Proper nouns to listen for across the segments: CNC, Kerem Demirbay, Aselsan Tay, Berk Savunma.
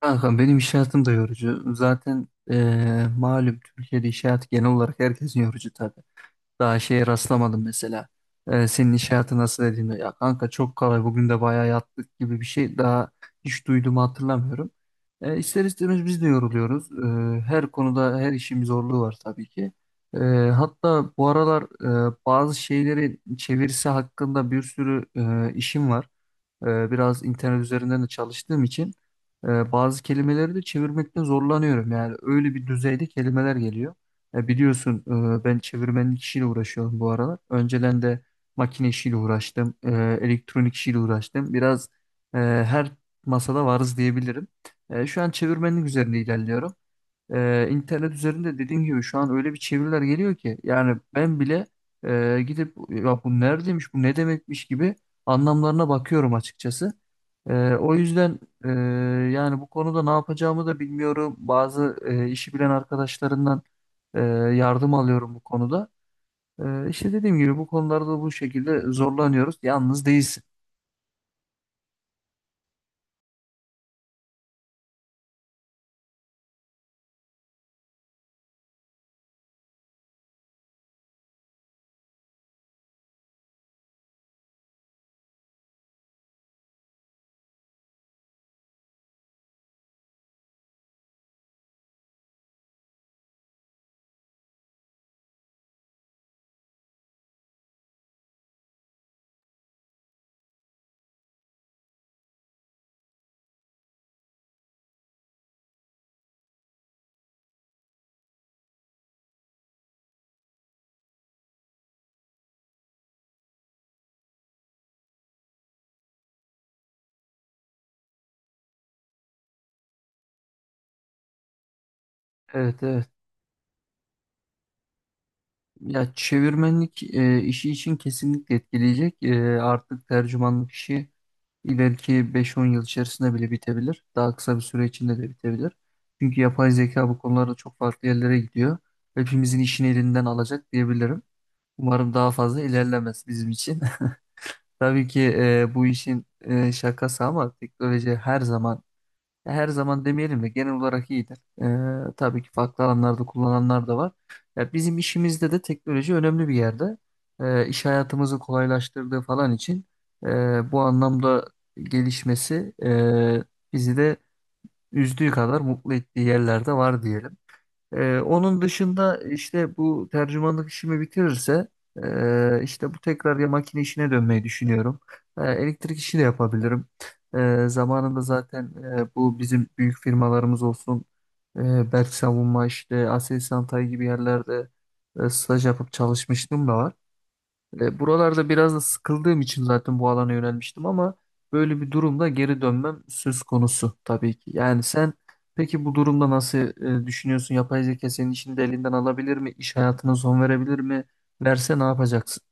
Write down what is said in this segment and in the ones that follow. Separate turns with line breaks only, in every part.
Kanka benim iş hayatım da yorucu. Zaten malum Türkiye'de iş hayatı genel olarak herkesin yorucu tabii. Daha şeye rastlamadım mesela. Senin iş hayatı nasıl dediğinde ya kanka çok kolay bugün de bayağı yattık gibi bir şey daha hiç duyduğumu hatırlamıyorum. İster istemez biz de yoruluyoruz. Her konuda her işin bir zorluğu var tabii ki. Hatta bu aralar bazı şeyleri çevirisi hakkında bir sürü işim var. Biraz internet üzerinden de çalıştığım için bazı kelimeleri de çevirmekte zorlanıyorum. Yani öyle bir düzeyde kelimeler geliyor. Biliyorsun ben çevirmenlik işiyle uğraşıyorum bu aralar. Önceden de makine işiyle uğraştım, elektronik işiyle uğraştım. Biraz her masada varız diyebilirim. Şu an çevirmenlik üzerinde ilerliyorum. İnternet üzerinde dediğim gibi şu an öyle bir çeviriler geliyor ki yani ben bile gidip ya bu neredeymiş bu ne demekmiş gibi anlamlarına bakıyorum açıkçası. O yüzden e, yani bu konuda ne yapacağımı da bilmiyorum. Bazı işi bilen arkadaşlarından yardım alıyorum bu konuda. İşte dediğim gibi bu konularda bu şekilde zorlanıyoruz. Yalnız değilsin. Evet, evet. Ya çevirmenlik işi için kesinlikle etkileyecek. E, artık tercümanlık işi ileriki 5-10 yıl içerisinde bile bitebilir. Daha kısa bir süre içinde de bitebilir. Çünkü yapay zeka bu konularda çok farklı yerlere gidiyor. Hepimizin işini elinden alacak diyebilirim. Umarım daha fazla ilerlemez bizim için. Tabii ki bu işin şakası ama teknoloji her zaman ya her zaman demeyelim de genel olarak iyidir. Tabii ki farklı alanlarda kullananlar da var. Ya bizim işimizde de teknoloji önemli bir yerde. İş hayatımızı kolaylaştırdığı falan için bu anlamda gelişmesi bizi de üzdüğü kadar mutlu ettiği yerlerde var diyelim. Onun dışında işte bu tercümanlık işimi bitirirse işte bu tekrar ya makine işine dönmeyi düşünüyorum. Elektrik işi de yapabilirim. Zamanında zaten bu bizim büyük firmalarımız olsun Berk Savunma işte Aselsan Tay gibi yerlerde staj yapıp çalışmıştım da var. Buralarda biraz da sıkıldığım için zaten bu alana yönelmiştim ama böyle bir durumda geri dönmem söz konusu tabii ki. Yani sen peki bu durumda nasıl düşünüyorsun? Yapay zeka senin işini de elinden alabilir mi? İş hayatına son verebilir mi? Verse ne yapacaksın?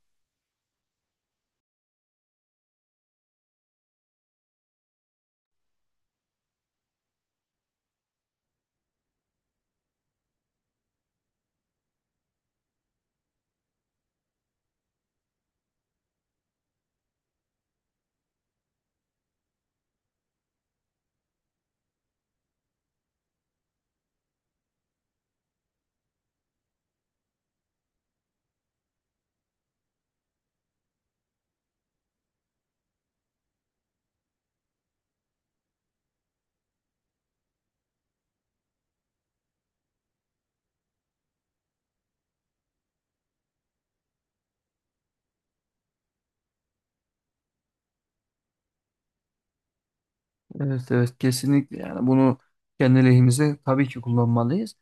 Evet, evet, kesinlikle yani bunu kendi lehimize tabii ki kullanmalıyız.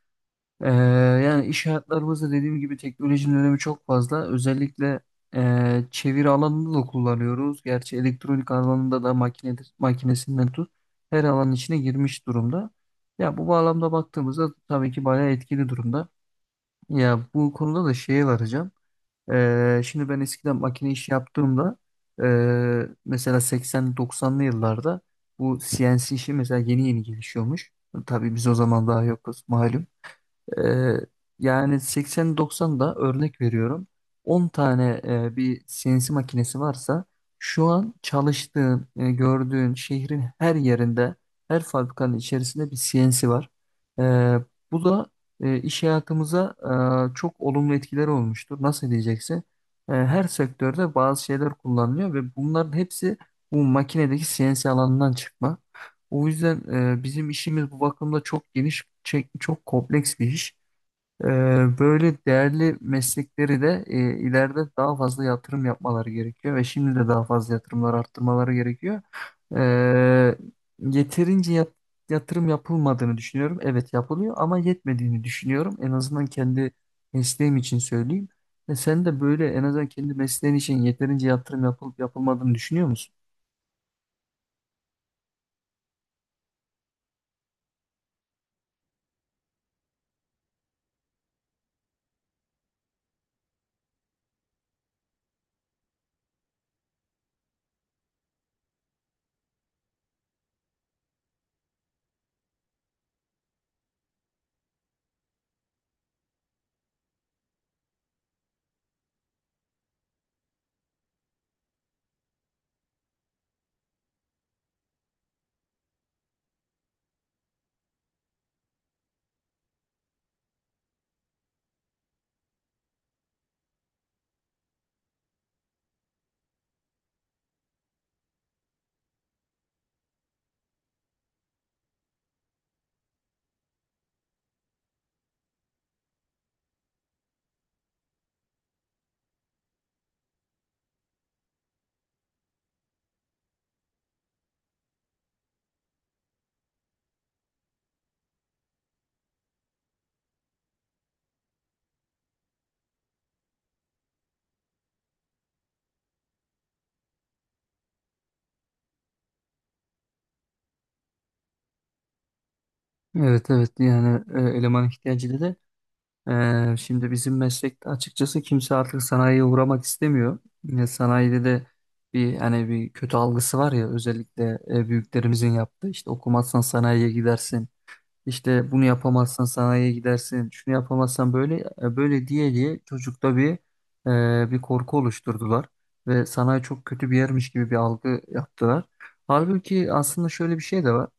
Ee, Yani iş hayatlarımızda dediğim gibi teknolojinin önemi çok fazla. Özellikle çeviri alanında da kullanıyoruz. Gerçi elektronik alanında da makinedir, makinesinden tut her alanın içine girmiş durumda. Ya bu bağlamda baktığımızda tabii ki bayağı etkili durumda. Ya bu konuda da şeye varacağım. Şimdi ben eskiden makine işi yaptığımda mesela 80-90'lı yıllarda bu CNC işi mesela yeni yeni gelişiyormuş. Tabii biz o zaman daha yokuz malum. Ee, Yani 80-90'da örnek veriyorum. 10 tane bir CNC makinesi varsa şu an çalıştığın, gördüğün şehrin her yerinde, her fabrikanın içerisinde bir CNC var. Ee, Bu da iş hayatımıza çok olumlu etkileri olmuştur. Nasıl diyeceksin? E, her sektörde bazı şeyler kullanılıyor ve bunların hepsi bu makinedeki CNC alanından çıkma. O yüzden bizim işimiz bu bakımda çok geniş, çok kompleks bir iş. Ee, Böyle değerli meslekleri de ileride daha fazla yatırım yapmaları gerekiyor ve şimdi de daha fazla yatırımlar arttırmaları gerekiyor. Ee, yeterince yat- yatırım yapılmadığını düşünüyorum. Evet yapılıyor ama yetmediğini düşünüyorum. En azından kendi mesleğim için söyleyeyim. E, sen de böyle en azından kendi mesleğin için yeterince yatırım yapılıp yapılmadığını düşünüyor musun? Evet, evet, yani eleman ihtiyacı dedi. Şimdi bizim meslekte açıkçası kimse artık sanayiye uğramak istemiyor. Yine sanayide de hani bir kötü algısı var ya özellikle büyüklerimizin yaptığı işte okumazsan sanayiye gidersin. İşte bunu yapamazsan sanayiye gidersin. Şunu yapamazsan böyle böyle diye diye çocukta bir korku oluşturdular ve sanayi çok kötü bir yermiş gibi bir algı yaptılar. Halbuki aslında şöyle bir şey de var.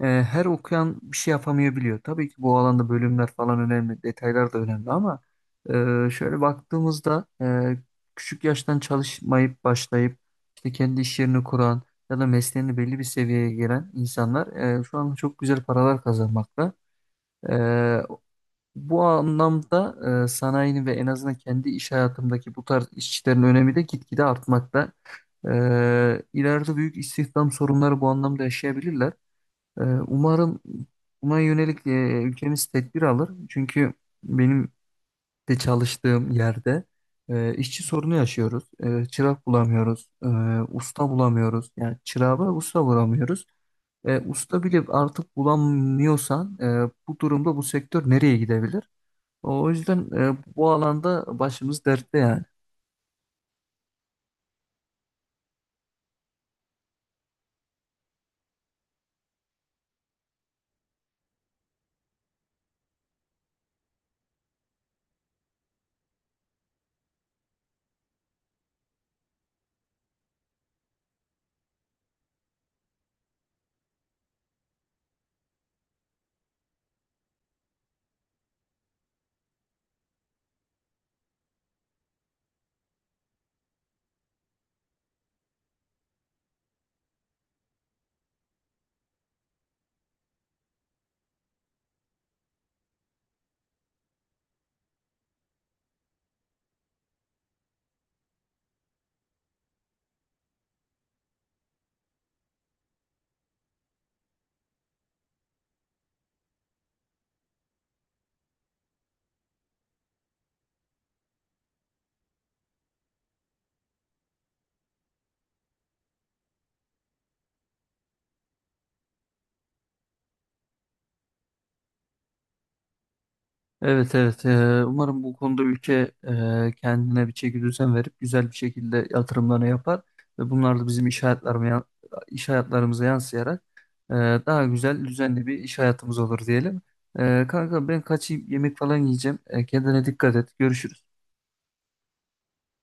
E, her okuyan bir şey yapamayabiliyor. Tabii ki bu alanda bölümler falan önemli, detaylar da önemli ama şöyle baktığımızda küçük yaştan çalışmayıp başlayıp işte kendi iş yerini kuran ya da mesleğini belli bir seviyeye gelen insanlar şu an çok güzel paralar kazanmakta. E, Bu anlamda sanayinin ve en azından kendi iş hayatımdaki bu tarz işçilerin önemi de gitgide artmakta. E, ileride büyük istihdam sorunları bu anlamda yaşayabilirler. Umarım buna yönelik ülkemiz tedbir alır. Çünkü benim de çalıştığım yerde işçi sorunu yaşıyoruz. E, çırak bulamıyoruz, usta bulamıyoruz. Yani çırağı ve usta bulamıyoruz. E, usta bile artık bulamıyorsan bu durumda bu sektör nereye gidebilir? O yüzden bu alanda başımız dertte yani. Evet, evet. Umarım bu konuda ülke kendine bir çekidüzen verip güzel bir şekilde yatırımlarını yapar ve bunlar da bizim iş hayatlarımıza, iş hayatlarımıza yansıyarak e, daha güzel düzenli bir iş hayatımız olur diyelim. E, kanka ben kaçayım yemek falan yiyeceğim. E, kendine dikkat et. Görüşürüz.